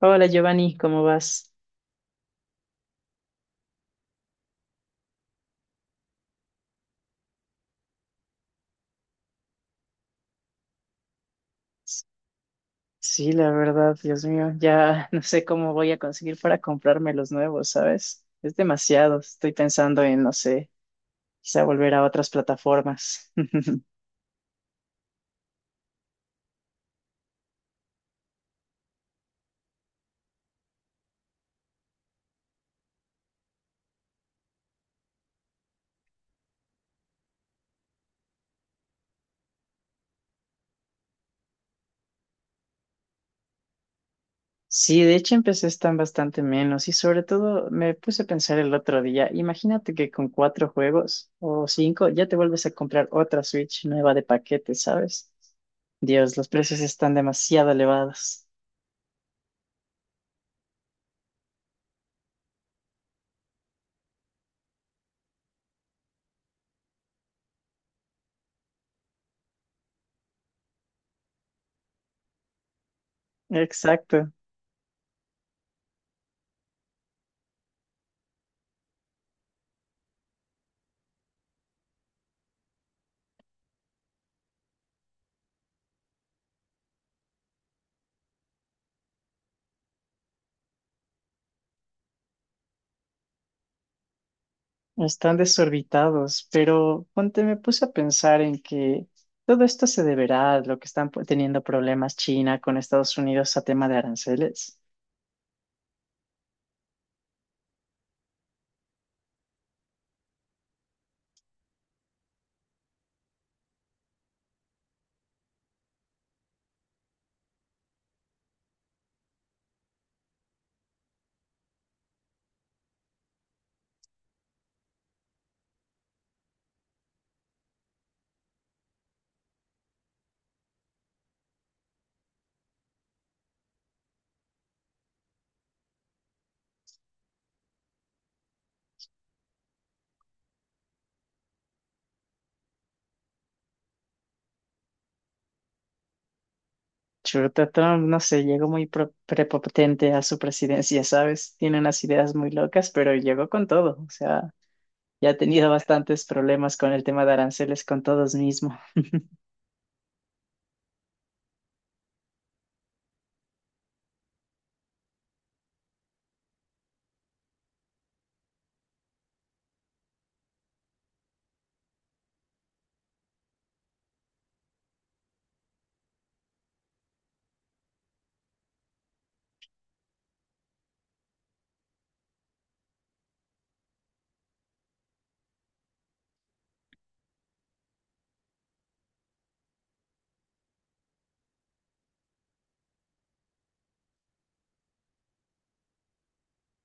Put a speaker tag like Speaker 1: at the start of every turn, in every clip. Speaker 1: Hola Giovanni, ¿cómo vas? Sí, la verdad, Dios mío, ya no sé cómo voy a conseguir para comprarme los nuevos, ¿sabes? Es demasiado, estoy pensando en, no sé, quizá volver a otras plataformas. Sí, de hecho empecé están bastante menos y sobre todo me puse a pensar el otro día, imagínate que con cuatro juegos o cinco ya te vuelves a comprar otra Switch nueva de paquete, ¿sabes? Dios, los precios están demasiado elevados. Exacto. Están desorbitados, pero ponte, me puse a pensar en que todo esto se deberá a lo que están teniendo problemas China con Estados Unidos a tema de aranceles. Chuta, Trump, no sé, llegó muy prepotente a su presidencia, ¿sabes? Tiene unas ideas muy locas, pero llegó con todo. O sea, ya ha tenido bastantes problemas con el tema de aranceles con todos mismos.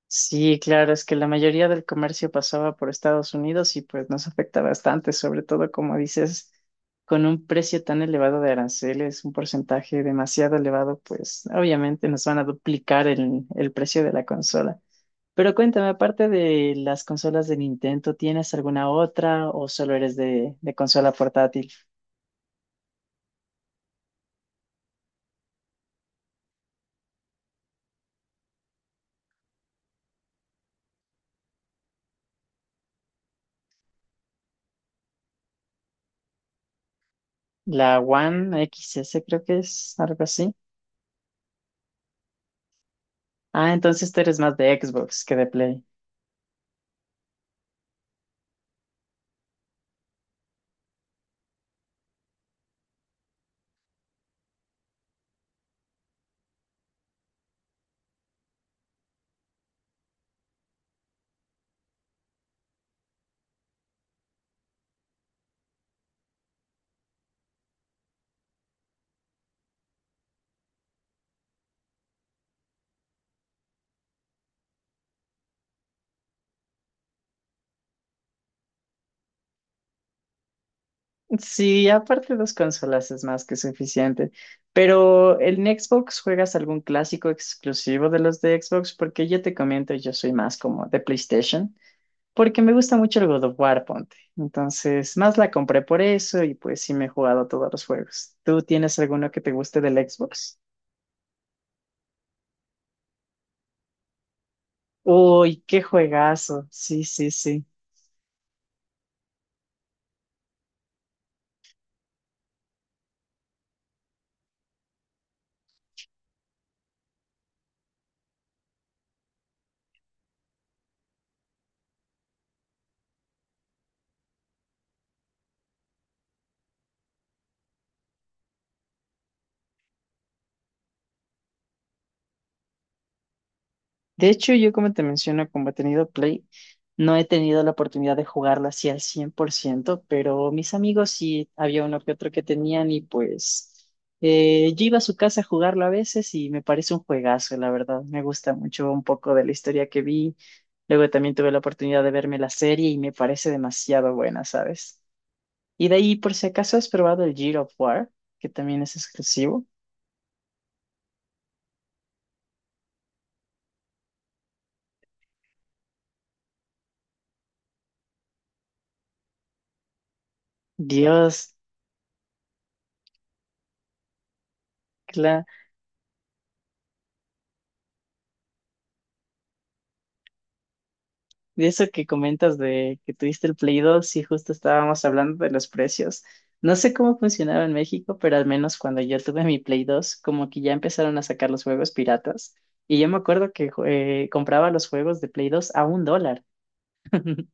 Speaker 1: Sí, claro, es que la mayoría del comercio pasaba por Estados Unidos y pues nos afecta bastante, sobre todo como dices, con un precio tan elevado de aranceles, un porcentaje demasiado elevado, pues obviamente nos van a duplicar el precio de la consola. Pero cuéntame, aparte de las consolas de Nintendo, ¿tienes alguna otra o solo eres de consola portátil? La One XS creo que es algo así. Ah, entonces tú eres más de Xbox que de Play. Sí, aparte dos consolas es más que suficiente. Pero ¿en Xbox juegas algún clásico exclusivo de los de Xbox? Porque yo te comento, yo soy más como de PlayStation, porque me gusta mucho el God of War, ponte. Entonces, más la compré por eso y pues sí me he jugado todos los juegos. ¿Tú tienes alguno que te guste del Xbox? Uy, qué juegazo. Sí, sí, sí. De hecho, yo como te menciono, como he tenido Play, no he tenido la oportunidad de jugarla así al 100 por ciento, pero mis amigos sí, había uno que otro que tenían y pues yo iba a su casa a jugarlo a veces y me parece un juegazo, la verdad. Me gusta mucho un poco de la historia que vi. Luego también tuve la oportunidad de verme la serie y me parece demasiado buena, ¿sabes? Y de ahí, por si acaso, ¿has probado el Gears of War, que también es exclusivo? Dios. De eso que comentas de que tuviste el Play 2, sí, justo estábamos hablando de los precios. No sé cómo funcionaba en México, pero al menos cuando yo tuve mi Play 2, como que ya empezaron a sacar los juegos piratas. Y yo me acuerdo que compraba los juegos de Play 2 a un dólar.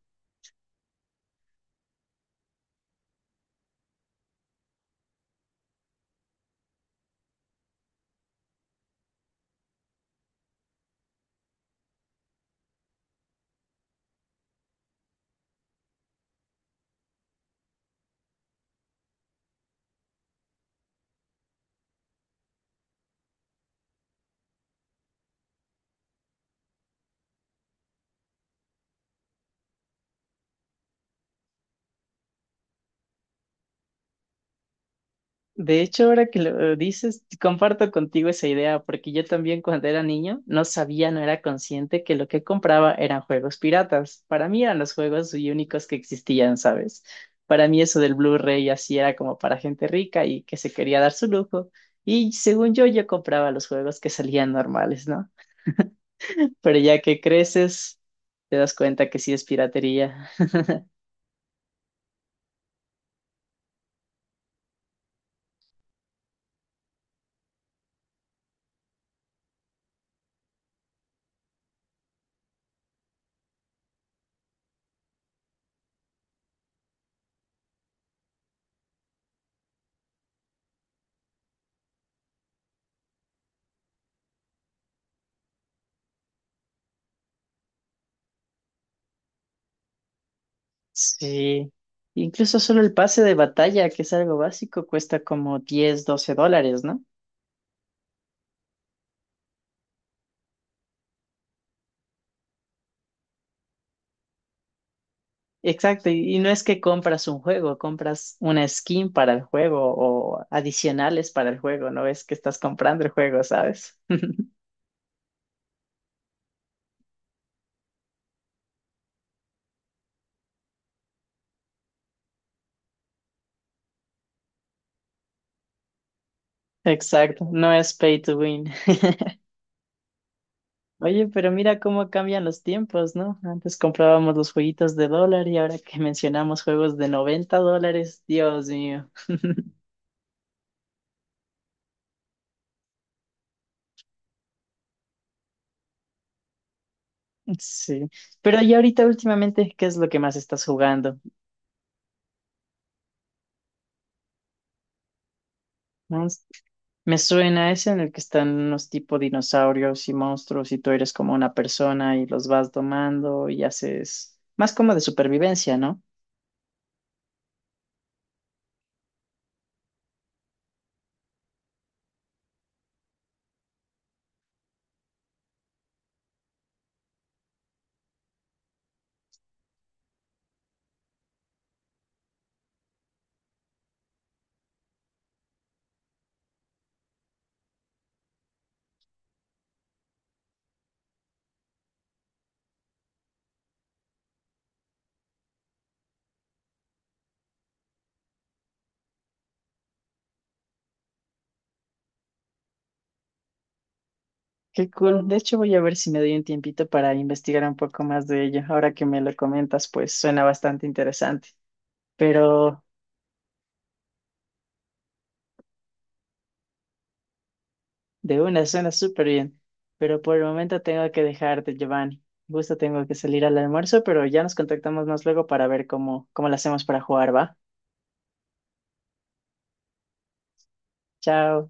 Speaker 1: De hecho, ahora que lo dices, comparto contigo esa idea, porque yo también cuando era niño no sabía, no era consciente que lo que compraba eran juegos piratas. Para mí eran los juegos y únicos que existían, ¿sabes? Para mí eso del Blu-ray así era como para gente rica y que se quería dar su lujo. Y según yo, yo compraba los juegos que salían normales, ¿no? Pero ya que creces, te das cuenta que sí es piratería. Sí, incluso solo el pase de batalla, que es algo básico, cuesta como 10 o 12 dólares, ¿no? Exacto, y no es que compras un juego, compras una skin para el juego o adicionales para el juego, no es que estás comprando el juego, ¿sabes? Exacto, no es pay to win. Oye, pero mira cómo cambian los tiempos, ¿no? Antes comprábamos los jueguitos de dólar y ahora que mencionamos juegos de 90 dólares, Dios mío. Sí, pero y ahorita últimamente, ¿qué es lo que más estás jugando? Mm, me suena ese en el que están unos tipo dinosaurios y monstruos y tú eres como una persona y los vas domando y haces más como de supervivencia, ¿no? Qué cool. De hecho, voy a ver si me doy un tiempito para investigar un poco más de ello. Ahora que me lo comentas, pues suena bastante interesante. Pero de una, suena súper bien. Pero por el momento tengo que dejarte, Giovanni. Justo tengo que salir al almuerzo, pero ya nos contactamos más luego para ver cómo, cómo lo hacemos para jugar, ¿va? Chao.